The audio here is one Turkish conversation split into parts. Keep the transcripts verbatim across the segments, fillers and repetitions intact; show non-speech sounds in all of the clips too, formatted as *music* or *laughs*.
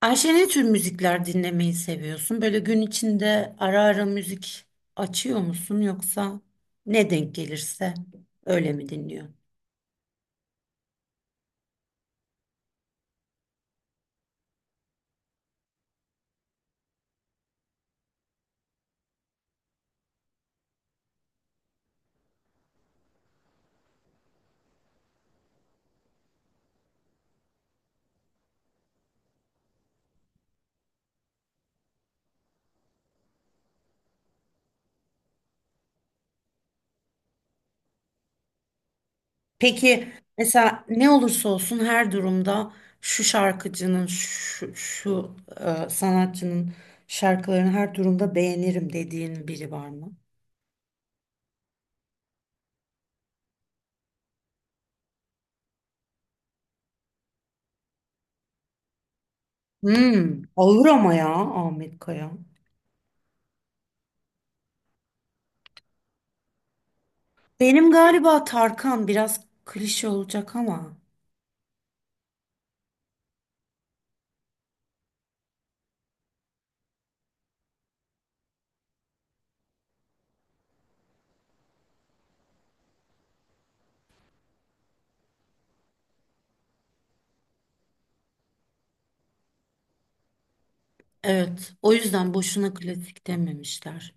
Ayşe ne tür müzikler dinlemeyi seviyorsun? Böyle gün içinde ara ara müzik açıyor musun yoksa ne denk gelirse öyle mi dinliyorsun? Peki mesela ne olursa olsun her durumda şu şarkıcının şu, şu e, sanatçının şarkılarını her durumda beğenirim dediğin biri var mı? Hmm, olur ama ya Ahmet Kaya. Benim galiba Tarkan biraz klişe olacak ama evet o yüzden boşuna klasik dememişler.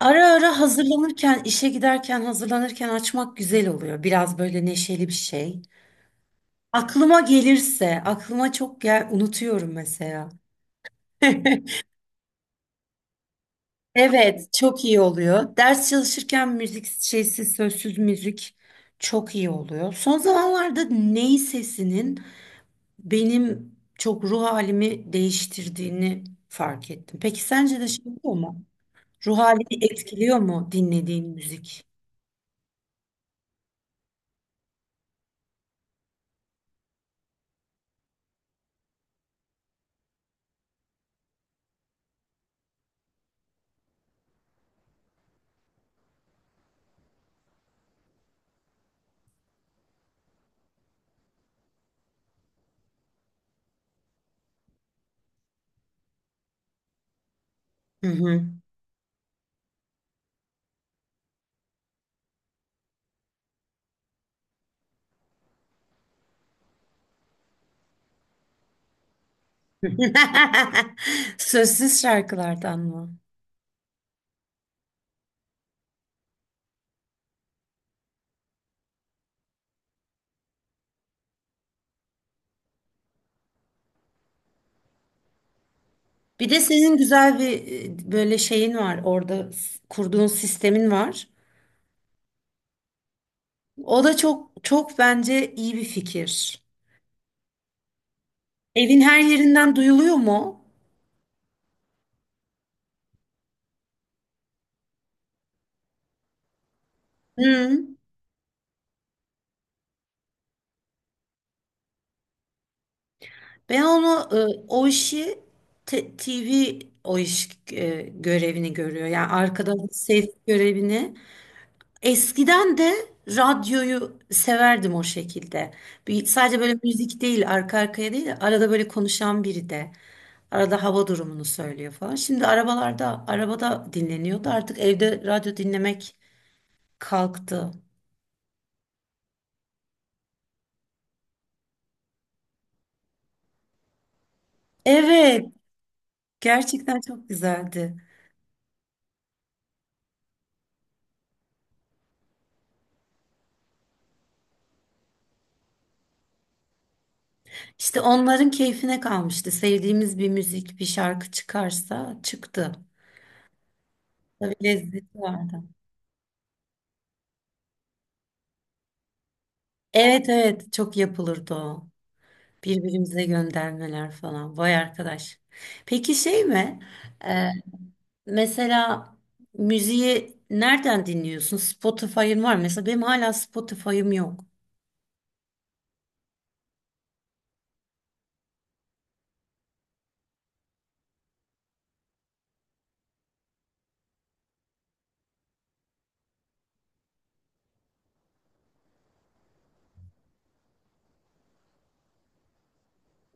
Ara ara hazırlanırken, işe giderken hazırlanırken açmak güzel oluyor. Biraz böyle neşeli bir şey. Aklıma gelirse, aklıma çok gel unutuyorum mesela. *laughs* Evet, çok iyi oluyor. Ders çalışırken müzik şeysi, sözsüz müzik çok iyi oluyor. Son zamanlarda ney sesinin benim çok ruh halimi değiştirdiğini fark ettim. Peki sence de şey oluyor mu? Ruh halini etkiliyor mu dinlediğin müzik? Hı hı. *laughs* Sözsüz şarkılardan mı? Bir de senin güzel bir e, böyle şeyin var orada s- kurduğun sistemin var. O da çok çok bence iyi bir fikir. Evin her yerinden duyuluyor mu? Hı. Ben onu e, o işi te- T V o iş e, görevini görüyor. Yani arkada ses görevini. Eskiden de radyoyu severdim o şekilde. Bir, sadece böyle müzik değil, arka arkaya değil, arada böyle konuşan biri de arada hava durumunu söylüyor falan. Şimdi arabalarda, arabada dinleniyordu. Artık evde radyo dinlemek kalktı. Evet, gerçekten çok güzeldi. İşte onların keyfine kalmıştı. Sevdiğimiz bir müzik, bir şarkı çıkarsa çıktı. Tabii lezzeti vardı. Evet evet çok yapılırdı o. Birbirimize göndermeler falan. Vay arkadaş. Peki şey mi? Ee, mesela müziği nereden dinliyorsun? Spotify'ın var mı? Mesela benim hala Spotify'ım yok.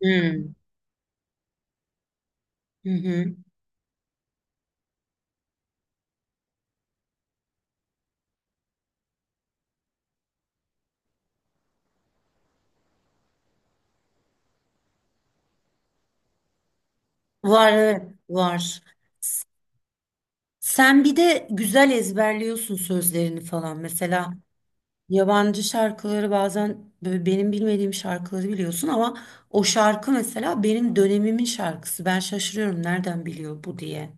Hmm. Hı hı. Var evet var. Sen bir de güzel ezberliyorsun sözlerini falan. Mesela yabancı şarkıları bazen böyle benim bilmediğim şarkıları biliyorsun ama o şarkı mesela benim dönemimin şarkısı. Ben şaşırıyorum nereden biliyor bu diye.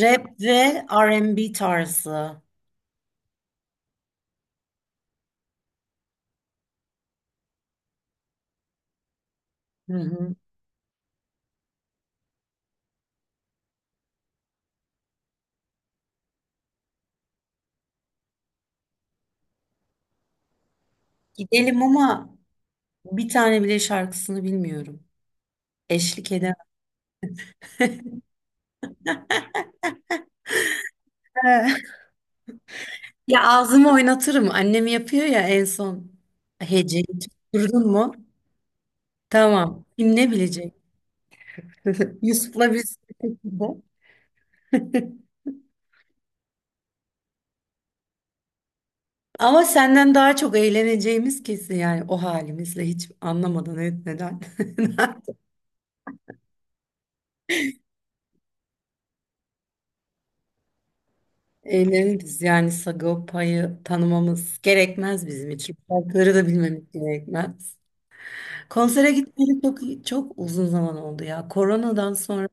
Rap ve R and B tarzı. Hı hı. Gidelim ama bir tane bile şarkısını bilmiyorum. Eşlik edemem. *laughs* Ya ağzımı oynatırım. Annem yapıyor ya en son. Heceyi tutturdun mu? Tamam. Kim ne bilecek? *laughs* Yusuf'la biz de. *laughs* Ama senden daha çok eğleneceğimiz kesin yani o halimizle hiç anlamadan etmeden. *laughs* Eğleniriz yani Sagopa'yı tanımamız gerekmez bizim için. Şarkıları da bilmemiz gerekmez. Konsere gitmeli çok çok uzun zaman oldu ya. Koronadan sonra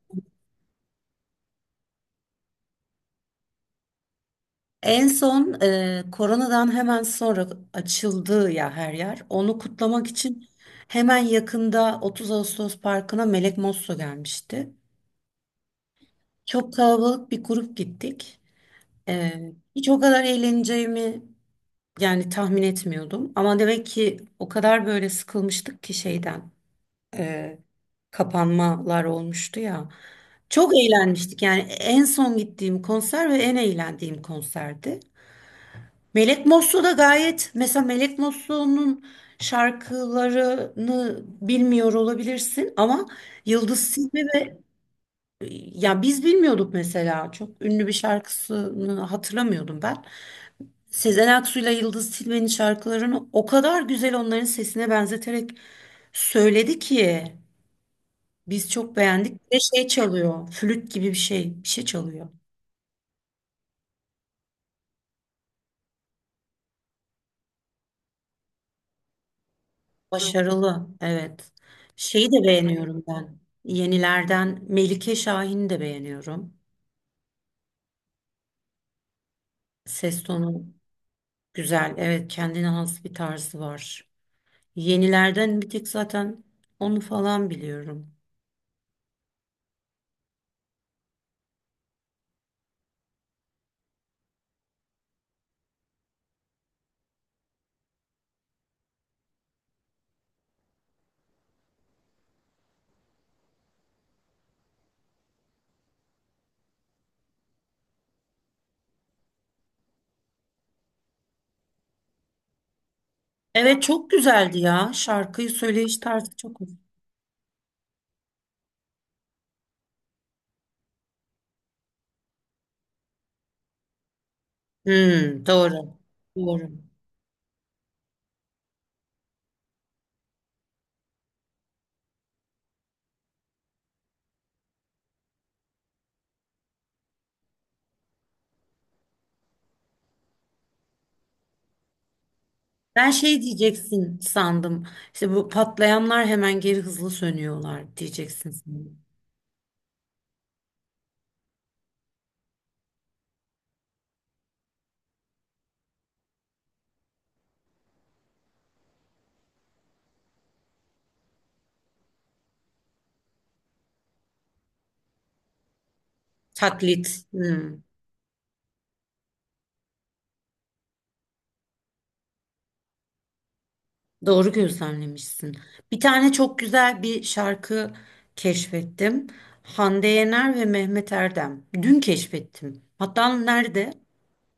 en son e, koronadan hemen sonra açıldı ya her yer. Onu kutlamak için hemen yakında otuz Ağustos Parkı'na Melek Mosso gelmişti. Çok kalabalık bir grup gittik. E, hiç o kadar eğleneceğimi yani tahmin etmiyordum. Ama demek ki o kadar böyle sıkılmıştık ki şeyden, e, kapanmalar olmuştu ya. Çok eğlenmiştik. Yani en son gittiğim konser ve en eğlendiğim konserdi. Melek Moslu da gayet, mesela Melek Moslu'nun şarkılarını bilmiyor olabilirsin ama Yıldız Silve ve ya biz bilmiyorduk mesela çok ünlü bir şarkısını hatırlamıyordum ben. Sezen Aksu ile Yıldız Tilbe'nin şarkılarını o kadar güzel onların sesine benzeterek söyledi ki biz çok beğendik. Bir de şey çalıyor, flüt gibi bir şey, bir şey çalıyor. Başarılı, evet. Şeyi de beğeniyorum ben. Yenilerden Melike Şahin'i de beğeniyorum. Ses tonu güzel, evet kendine has bir tarzı var. Yenilerden bir tek zaten onu falan biliyorum. Evet çok güzeldi ya. Şarkıyı söyleyiş tarzı çok Hmm, doğru. Doğru. Ben şey diyeceksin sandım. İşte bu patlayanlar hemen geri hızlı sönüyorlar diyeceksin sandım. Taklit. Hmm, doğru gözlemlemişsin. Bir tane çok güzel bir şarkı keşfettim. Hande Yener ve Mehmet Erdem. Dün keşfettim. Hatta nerede?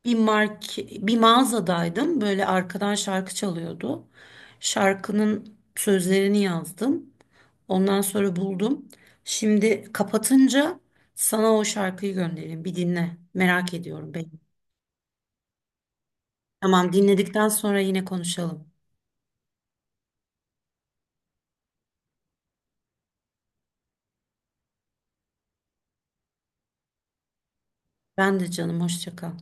Bir mark, bir mağazadaydım. Böyle arkadan şarkı çalıyordu. Şarkının sözlerini yazdım. Ondan sonra buldum. Şimdi kapatınca sana o şarkıyı göndereyim. Bir dinle. Merak ediyorum ben. Tamam, dinledikten sonra yine konuşalım. Ben de canım hoşça kal.